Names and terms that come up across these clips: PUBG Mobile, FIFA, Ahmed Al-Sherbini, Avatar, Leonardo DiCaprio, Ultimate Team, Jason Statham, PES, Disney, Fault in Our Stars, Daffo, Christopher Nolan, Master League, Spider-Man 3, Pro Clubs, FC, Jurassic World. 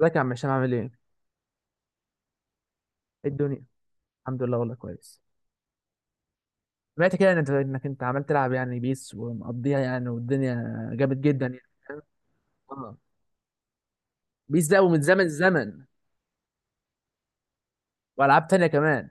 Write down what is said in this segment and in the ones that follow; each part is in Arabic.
ازيك يا عم هشام عامل ايه؟ ايه الدنيا؟ الحمد لله والله كويس. سمعت كده إن انت عمال تلعب يعني بيس ومقضيها يعني والدنيا جامد جدا يعني فاهم؟ اه، بيس ده ومن زمن زمن، والعاب تانية كمان.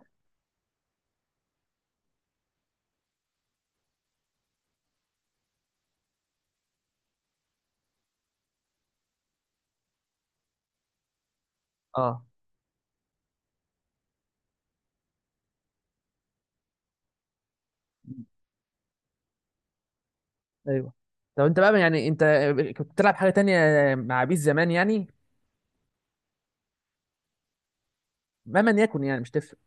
اه، ايوه. طب انت بقى يعني انت كنت بتلعب حاجة تانية مع بيس زمان يعني؟ مهما يكن يعني مش تفرق.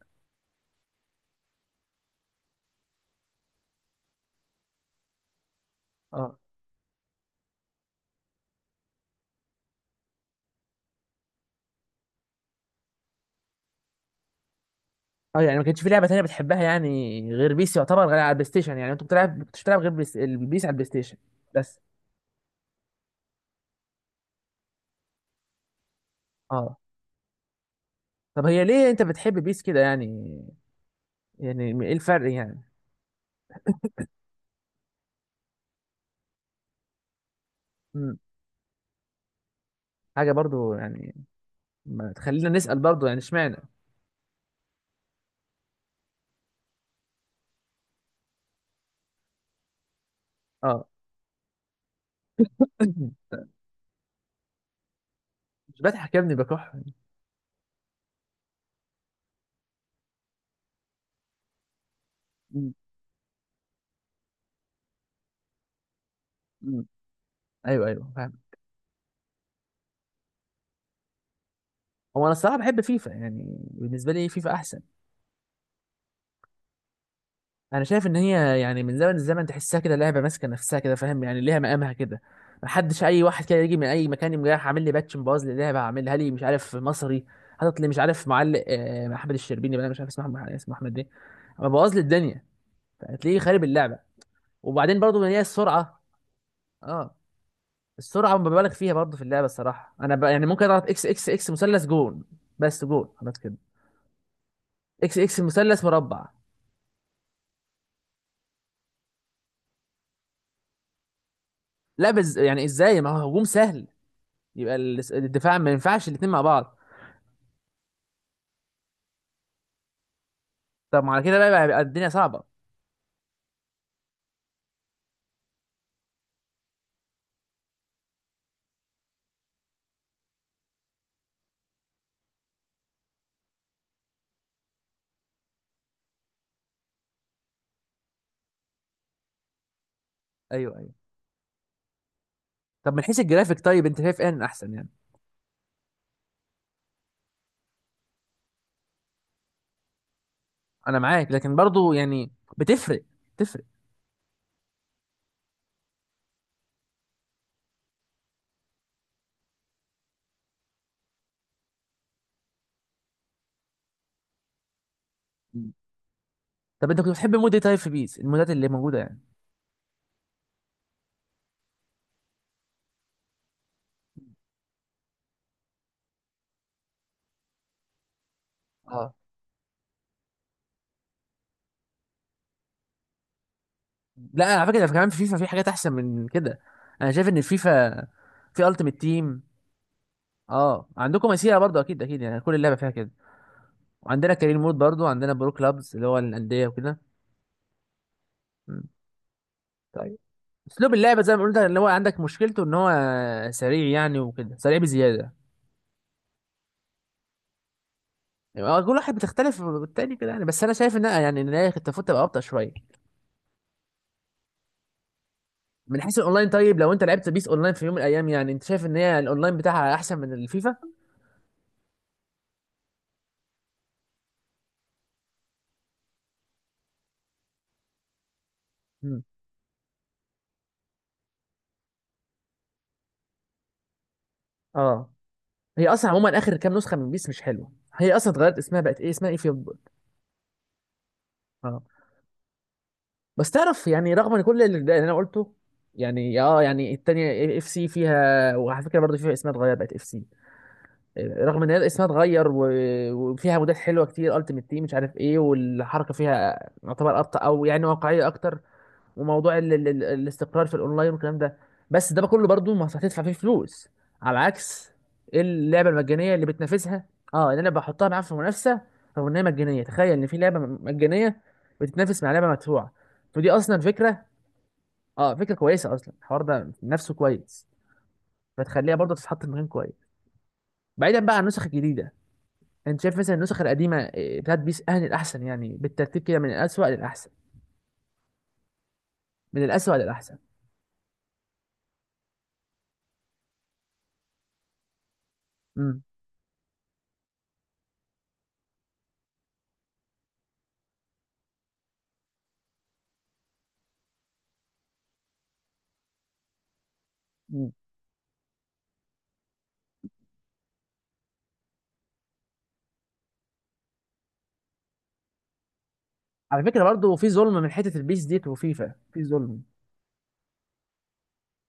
اه اه، يعني ما كانش في لعبة تانية بتحبها يعني غير بيس؟ يعتبر غير على البلاي ستيشن، يعني انت بتلعب كنتش بتلعب غير البيس على البلاي ستيشن بس؟ اه. طب هي ليه انت بتحب بيس كده يعني؟ يعني ايه الفرق يعني؟ مم. حاجه برضو يعني؟ ما تخلينا نسال برضو يعني اشمعنى. اه، مش بضحك يا ابني، بكح. مم. مم. ايوه ايوه، فاهم. هو انا الصراحه بحب فيفا، يعني بالنسبه لي فيفا احسن. انا شايف ان هي يعني من زمن الزمن تحسها كده لعبه ماسكه نفسها كده، فاهم، يعني ليها مقامها كده. ما حدش اي واحد كده يجي من اي مكان يقوم جاي عامل لي باتش مبوظ لي اللعبه، عاملها لي مش عارف مصري، حاطط لي مش عارف معلق احمد الشربيني، بقى مش عارف اسمه، اسمه احمد ايه، بوظ لي الدنيا. هتلاقيه خارب اللعبه. وبعدين برضو هي السرعه. اه، السرعه مبالغ فيها برضه في اللعبه الصراحه. انا يعني ممكن اضغط اكس اكس اكس مثلث، جون. بس جون خلاص كده. اكس اكس مثلث مربع. لا، يعني ازاي؟ ما هو هجوم سهل يبقى الدفاع، ما ينفعش الاتنين مع بعض. طب ما على كده بقى يبقى الدنيا صعبه. ايوه ايوه. طب من حيث الجرافيك، طيب انت شايف ان احسن يعني؟ انا معاك، لكن برضه يعني بتفرق. بتفرق. طب انت كنت بتحب مود ايه طيب في بيس، المودات اللي موجوده يعني؟ اه. لا، على فكره كمان في فيفا في حاجات احسن من كده. انا شايف ان فيفا في التيمت تيم. اه، عندكم مسيرة برضو، اكيد اكيد، يعني كل اللعبة فيها كده. وعندنا كارين مود برضو، عندنا برو كلابز اللي هو الأندية وكده. مم. طيب، اسلوب اللعبة زي ما قلت اللي هو عندك مشكلته، ان هو سريع يعني وكده، سريع بزيادة. يعني هو كل واحد بتختلف بالتاني كده يعني، بس انا شايف ان يعني ان هي كانت المفروض تبقى ابطأ شوية. من حيث الاونلاين، طيب لو انت لعبت بيس اونلاين في يوم من الايام، يعني انت شايف ان هي الاونلاين بتاعها احسن من الفيفا؟ مم. اه، هي اصلا عموما اخر كام نسخة من بيس مش حلوة، هي اصلا اتغيرت اسمها، بقت ايه اسمها، ايه في؟ اه. بس تعرف، يعني رغم ان كل اللي انا قلته، يعني اه، يعني التانية اف سي فيها، وعلى فكره برضه فيها اسمها اتغير بقت اف سي. رغم ان هي اسمها اتغير وفيها مودات حلوه كتير، التيمت تيم مش عارف ايه، والحركه فيها يعتبر ابطا، او يعني واقعيه اكتر. وموضوع ال الاستقرار في الاونلاين والكلام ده. بس ده كله برضه ما هتدفع فيه فلوس، على عكس اللعبه المجانيه اللي بتنافسها. اه، ان انا بحطها معاها في منافسه، رغم ان هي مجانيه. تخيل ان في لعبه مجانيه بتتنافس مع لعبه مدفوعه. فدي اصلا فكره. اه، فكره كويسه، اصلا الحوار ده نفسه كويس. فتخليها برضه تتحط في مكان كويس، بعيدا بقى عن النسخ الجديده. انت شايف مثلا النسخ القديمه بتاعت بيس اهل الاحسن يعني، بالترتيب كده من الاسوأ للاحسن. من الاسوأ للاحسن. امم أمم. على فكره برضه في ظلم من حته البيس ديت وفيفا في ظلم.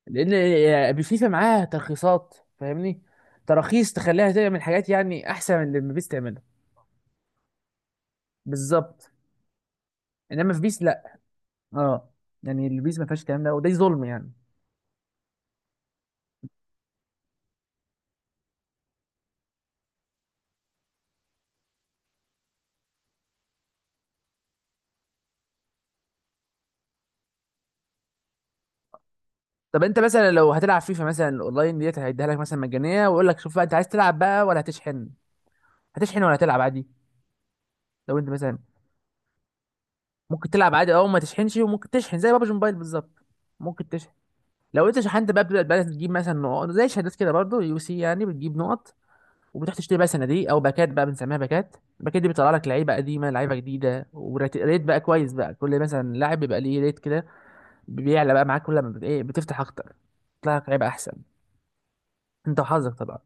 لان فيفا معاها ترخيصات، فاهمني، تراخيص تخليها تعمل حاجات يعني احسن من اللي بيس تعملها. بالظبط. انما في بيس لا. اه، يعني البيس ما فيهاش الكلام ده، وده ظلم يعني. طب انت مثلا لو هتلعب فيفا مثلا، الاونلاين ديت هيديها لك مثلا مجانيه، ويقول لك شوف بقى، انت عايز تلعب بقى ولا هتشحن؟ هتشحن ولا هتلعب عادي؟ لو انت مثلا، ممكن تلعب عادي او ما تشحنش، وممكن تشحن زي بابجي موبايل بالظبط. ممكن تشحن. لو انت شحنت بقى، بتبدا بقى تجيب مثلا نقط زي شهادات كده، برضه يو سي، يعني بتجيب نقط، وبتروح تشتري بقى صناديق او باكات، بقى بنسميها باكات. الباكات دي بيطلع لك لعيبه قديمه، لعيبه جديده، وريت بقى كويس بقى، كل مثلا لاعب بيبقى ليه ريت كده، بيعلى بقى معاك كل ما ايه، بتفتح اكتر بيطلع لك لعيبه احسن. انت وحظك طبعا.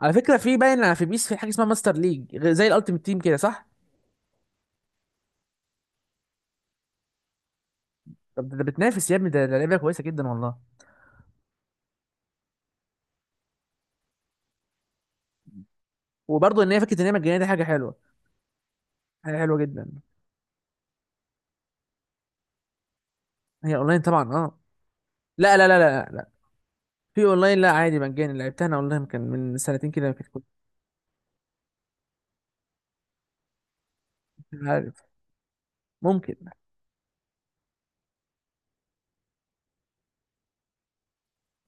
على فكره في باين في بيس، في حاجه اسمها ماستر ليج، زي الالتيمت تيم كده، صح؟ طب ده بتنافس يا ابني، ده لعبه كويسه جدا والله. وبرضه ان هي فكره، ان هي مجانيه دي حاجه حلوه. حاجه حلوه جدا. هي اونلاين طبعا، اه. لا لا لا لا لا، في اونلاين لا، عادي مجاني، لعبتها انا اونلاين كان من سنتين كده، كنت مش عارف ممكن.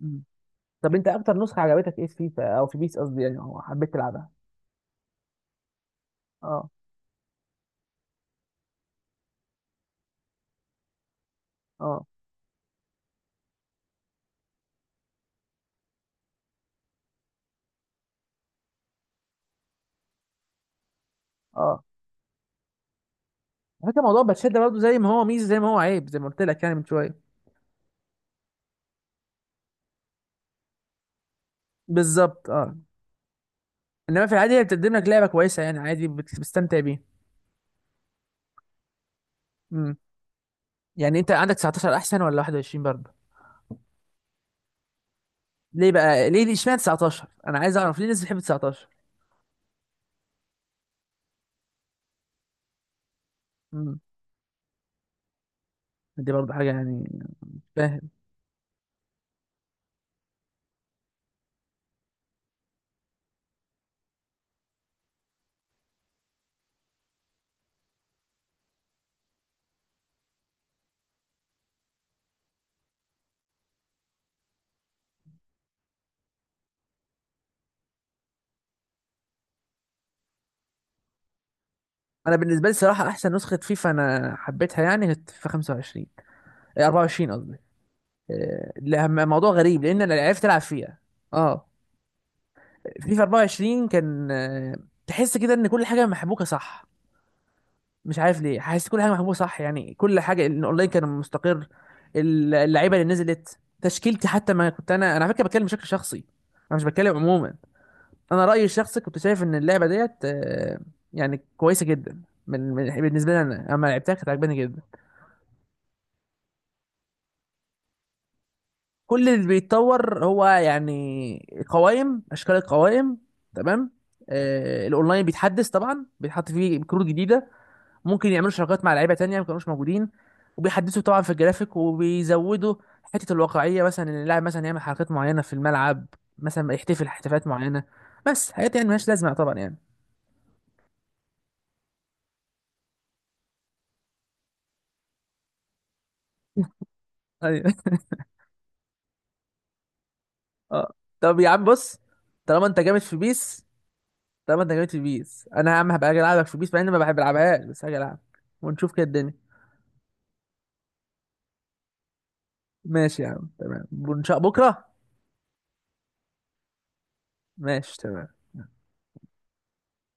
مم. طب انت اكتر نسخه عجبتك ايه في فيفا او في بيس قصدي يعني، او حبيت تلعبها؟ اه اه اه. على فكره موضوع باتشات ده برضه زي ما هو ميزه زي ما هو عيب، زي ما قلت لك يعني من شويه. بالظبط. اه، انما في العادي هي بتقدم لك لعبه كويسه يعني، عادي بتستمتع بيها. امم يعني انت عندك 19 احسن ولا 21 برضه؟ ليه بقى، ليه اشمعنى 19، انا عايز اعرف ليه الناس بتحب 19؟ امم. دي برضه حاجه يعني. مش فاهم. انا بالنسبه لي صراحه احسن نسخه فيفا انا حبيتها يعني كانت في 25. 24 قصدي. لا، موضوع غريب لان انا عرفت العب فيها. اه. فيفا 24 كان، تحس كده ان كل حاجه محبوكه، صح. مش عارف ليه، حاسس كل حاجه محبوبه، صح، يعني كل حاجه، الاونلاين كان مستقر. اللعيبه اللي نزلت تشكيلتي، حتى ما كنت انا على فكره بتكلم بشكل شخصي. انا مش بتكلم عموما. انا رايي الشخصي كنت شايف ان اللعبه ديت يعني كويسه جدا. بالنسبه لي انا، اما لعبتها كانت عجباني جدا. كل اللي بيتطور هو يعني قوائم، اشكال القوائم. تمام. الاونلاين بيتحدث طبعا، بيتحط فيه كروت جديده، ممكن يعملوا شراكات مع لعيبه تانية ما كانوش موجودين، وبيحدثوا طبعا في الجرافيك، وبيزودوا حته الواقعيه، مثلا ان اللاعب مثلا يعمل حركات معينه في الملعب، مثلا يحتفل احتفالات معينه. بس حاجات يعني ملهاش لازمه طبعا يعني. ايوه اه، طب يا عم بص، طالما انت جامد في بيس، طالما انت جامد في بيس، انا يا عم هبقى اجي العبك في بيس، مع اني ما بحب العبهاش، بس هاجي العب ونشوف كده الدنيا. ماشي يا عم، تمام، ونشاء بكره. ماشي تمام.